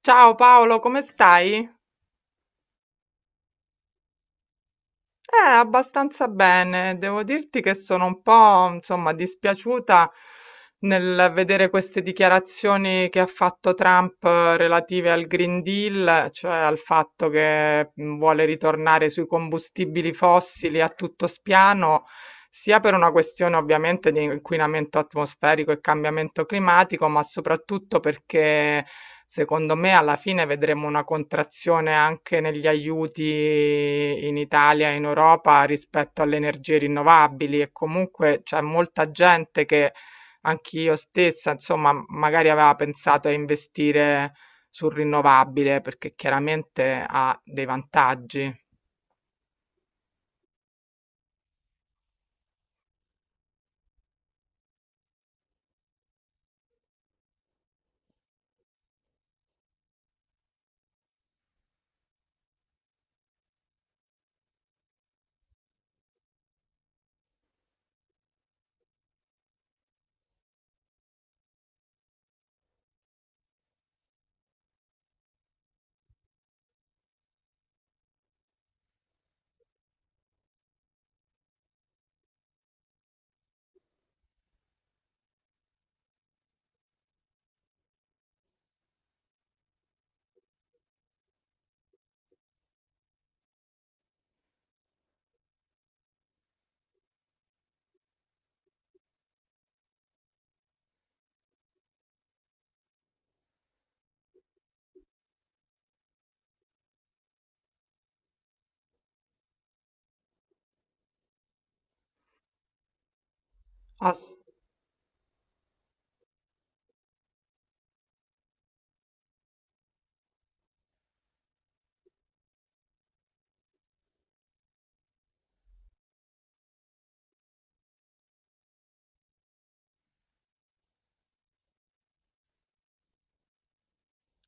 Ciao Paolo, come stai? Abbastanza bene. Devo dirti che sono un po', insomma, dispiaciuta nel vedere queste dichiarazioni che ha fatto Trump relative al Green Deal, cioè al fatto che vuole ritornare sui combustibili fossili a tutto spiano, sia per una questione ovviamente di inquinamento atmosferico e cambiamento climatico, ma soprattutto perché secondo me alla fine vedremo una contrazione anche negli aiuti in Italia e in Europa rispetto alle energie rinnovabili e comunque c'è molta gente che. Anch'io stessa, insomma, magari aveva pensato a investire sul rinnovabile perché chiaramente ha dei vantaggi. Ass-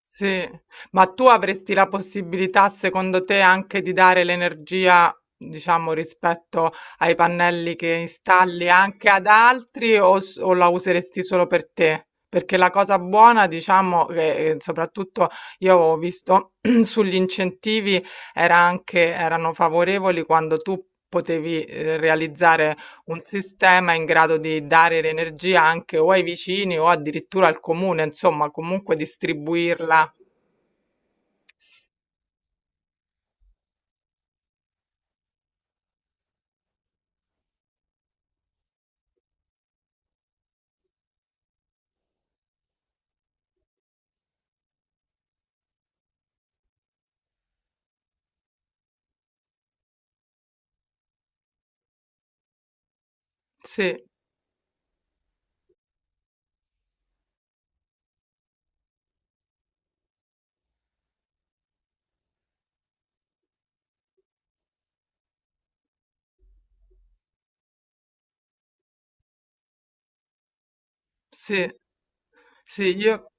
Sì, ma tu avresti la possibilità, secondo te, anche di dare l'energia, diciamo, rispetto ai pannelli che installi anche ad altri o, o la useresti solo per te? Perché la cosa buona, diciamo, che soprattutto io ho visto sugli incentivi era anche, erano favorevoli quando tu potevi realizzare un sistema in grado di dare l'energia anche o ai vicini o addirittura al comune, insomma, comunque distribuirla. Sì, sì, sì, io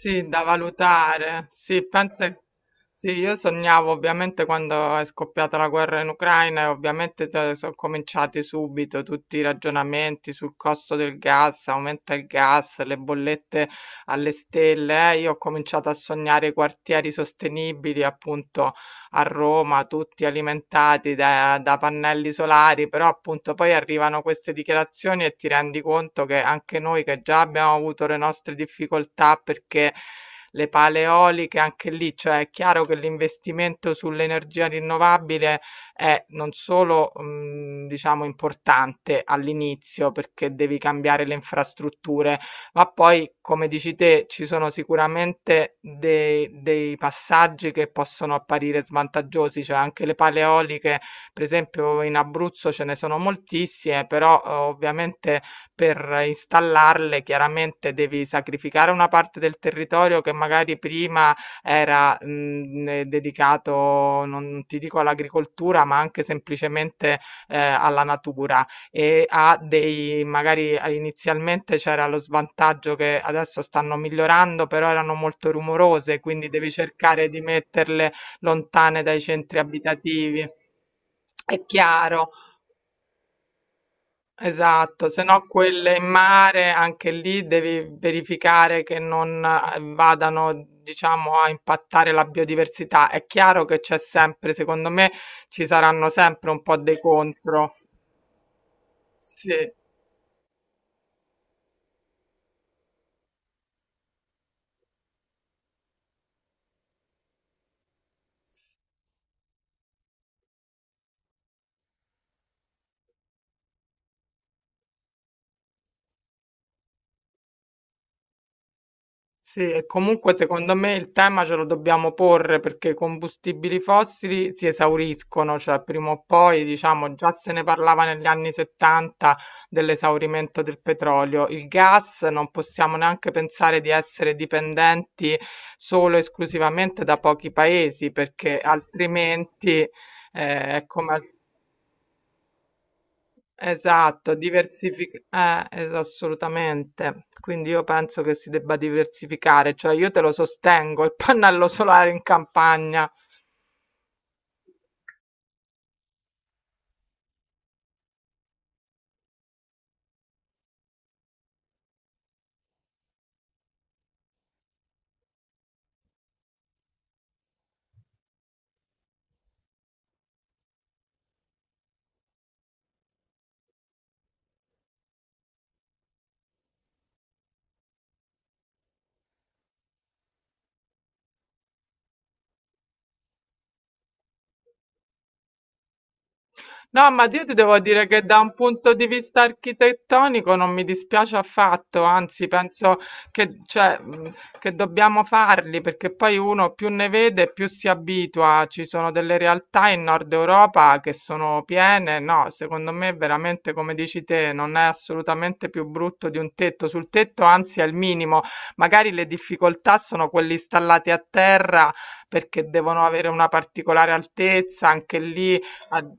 sì, da valutare. Sì, pensa. Sì, io sognavo ovviamente quando è scoppiata la guerra in Ucraina e ovviamente sono cominciati subito tutti i ragionamenti sul costo del gas, aumenta il gas, le bollette alle stelle. Io ho cominciato a sognare quartieri sostenibili, appunto, a Roma, tutti alimentati da pannelli solari, però appunto poi arrivano queste dichiarazioni e ti rendi conto che anche noi che già abbiamo avuto le nostre difficoltà perché le pale eoliche, anche lì, cioè è chiaro che l'investimento sull'energia rinnovabile è non solo, diciamo, importante all'inizio perché devi cambiare le infrastrutture, ma poi, come dici te, ci sono sicuramente dei passaggi che possono apparire svantaggiosi, cioè anche le pale eoliche, per esempio in Abruzzo ce ne sono moltissime, però ovviamente per installarle chiaramente devi sacrificare una parte del territorio che magari prima era dedicato, non ti dico all'agricoltura, ma anche semplicemente alla natura e ha dei magari inizialmente c'era lo svantaggio che adesso stanno migliorando, però erano molto rumorose, quindi devi cercare di metterle lontane dai centri abitativi. È chiaro, esatto, se no quelle in mare anche lì devi verificare che non vadano, diciamo, a impattare la biodiversità. È chiaro che c'è sempre, secondo me, ci saranno sempre un po' dei contro. Sì. Sì, e comunque secondo me il tema ce lo dobbiamo porre perché i combustibili fossili si esauriscono, cioè prima o poi, diciamo, già se ne parlava negli anni 70 dell'esaurimento del petrolio. Il gas non possiamo neanche pensare di essere dipendenti solo e esclusivamente da pochi paesi perché altrimenti è come... al Esatto, assolutamente. Quindi io penso che si debba diversificare, cioè io te lo sostengo, il pannello solare in campagna. No, ma io ti devo dire che da un punto di vista architettonico non mi dispiace affatto, anzi penso che, cioè, che dobbiamo farli perché poi uno più ne vede più si abitua. Ci sono delle realtà in Nord Europa che sono piene, no, secondo me veramente come dici te non è assolutamente più brutto di un tetto, sul tetto anzi è il minimo, magari le difficoltà sono quelle installate a terra perché devono avere una particolare altezza, anche lì ad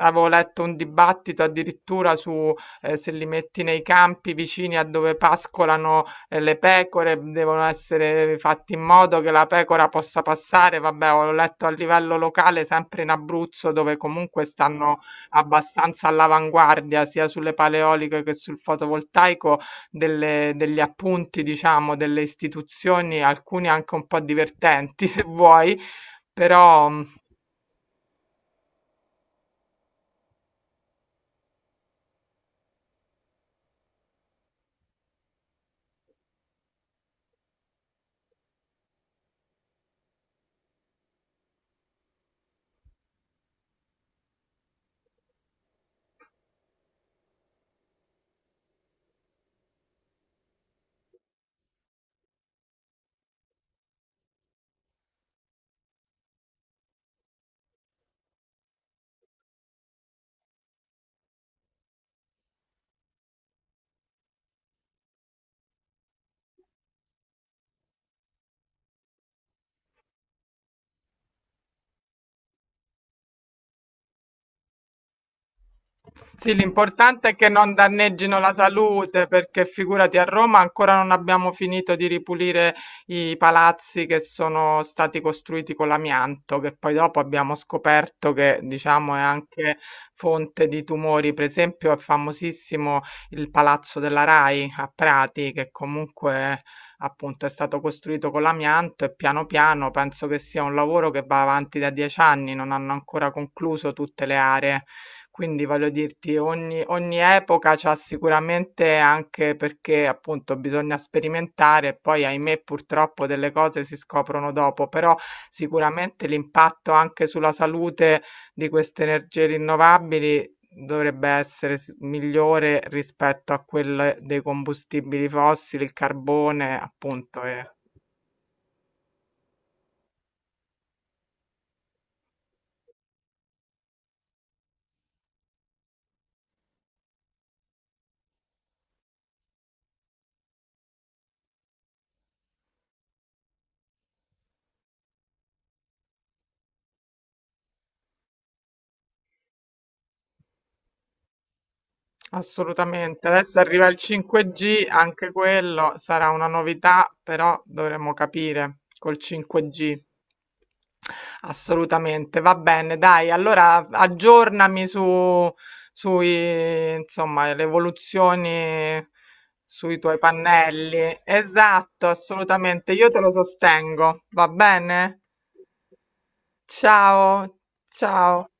avevo letto un dibattito addirittura su, se li metti nei campi vicini a dove pascolano, le pecore, devono essere fatti in modo che la pecora possa passare. Vabbè, ho letto a livello locale, sempre in Abruzzo, dove comunque stanno abbastanza all'avanguardia, sia sulle paleoliche che sul fotovoltaico, delle degli appunti, diciamo, delle istituzioni, alcuni anche un po' divertenti se vuoi, però, mhmm Sì, l'importante è che non danneggino la salute, perché figurati a Roma ancora non abbiamo finito di ripulire i palazzi che sono stati costruiti con l'amianto, che poi dopo abbiamo scoperto che, diciamo, è anche fonte di tumori. Per esempio, è famosissimo il palazzo della Rai a Prati, che comunque appunto è stato costruito con l'amianto e piano piano penso che sia un lavoro che va avanti da 10 anni, non hanno ancora concluso tutte le aree. Quindi voglio dirti, ogni epoca c'ha sicuramente anche perché appunto bisogna sperimentare e poi ahimè purtroppo delle cose si scoprono dopo, però sicuramente l'impatto anche sulla salute di queste energie rinnovabili dovrebbe essere migliore rispetto a quelle dei combustibili fossili, il carbone, appunto. Assolutamente. Adesso arriva il 5G, anche quello sarà una novità, però dovremo capire col 5G. Assolutamente, va bene, dai, allora aggiornami su, sui, insomma, le evoluzioni sui tuoi pannelli. Esatto, assolutamente, io te lo sostengo, va bene? Ciao, ciao.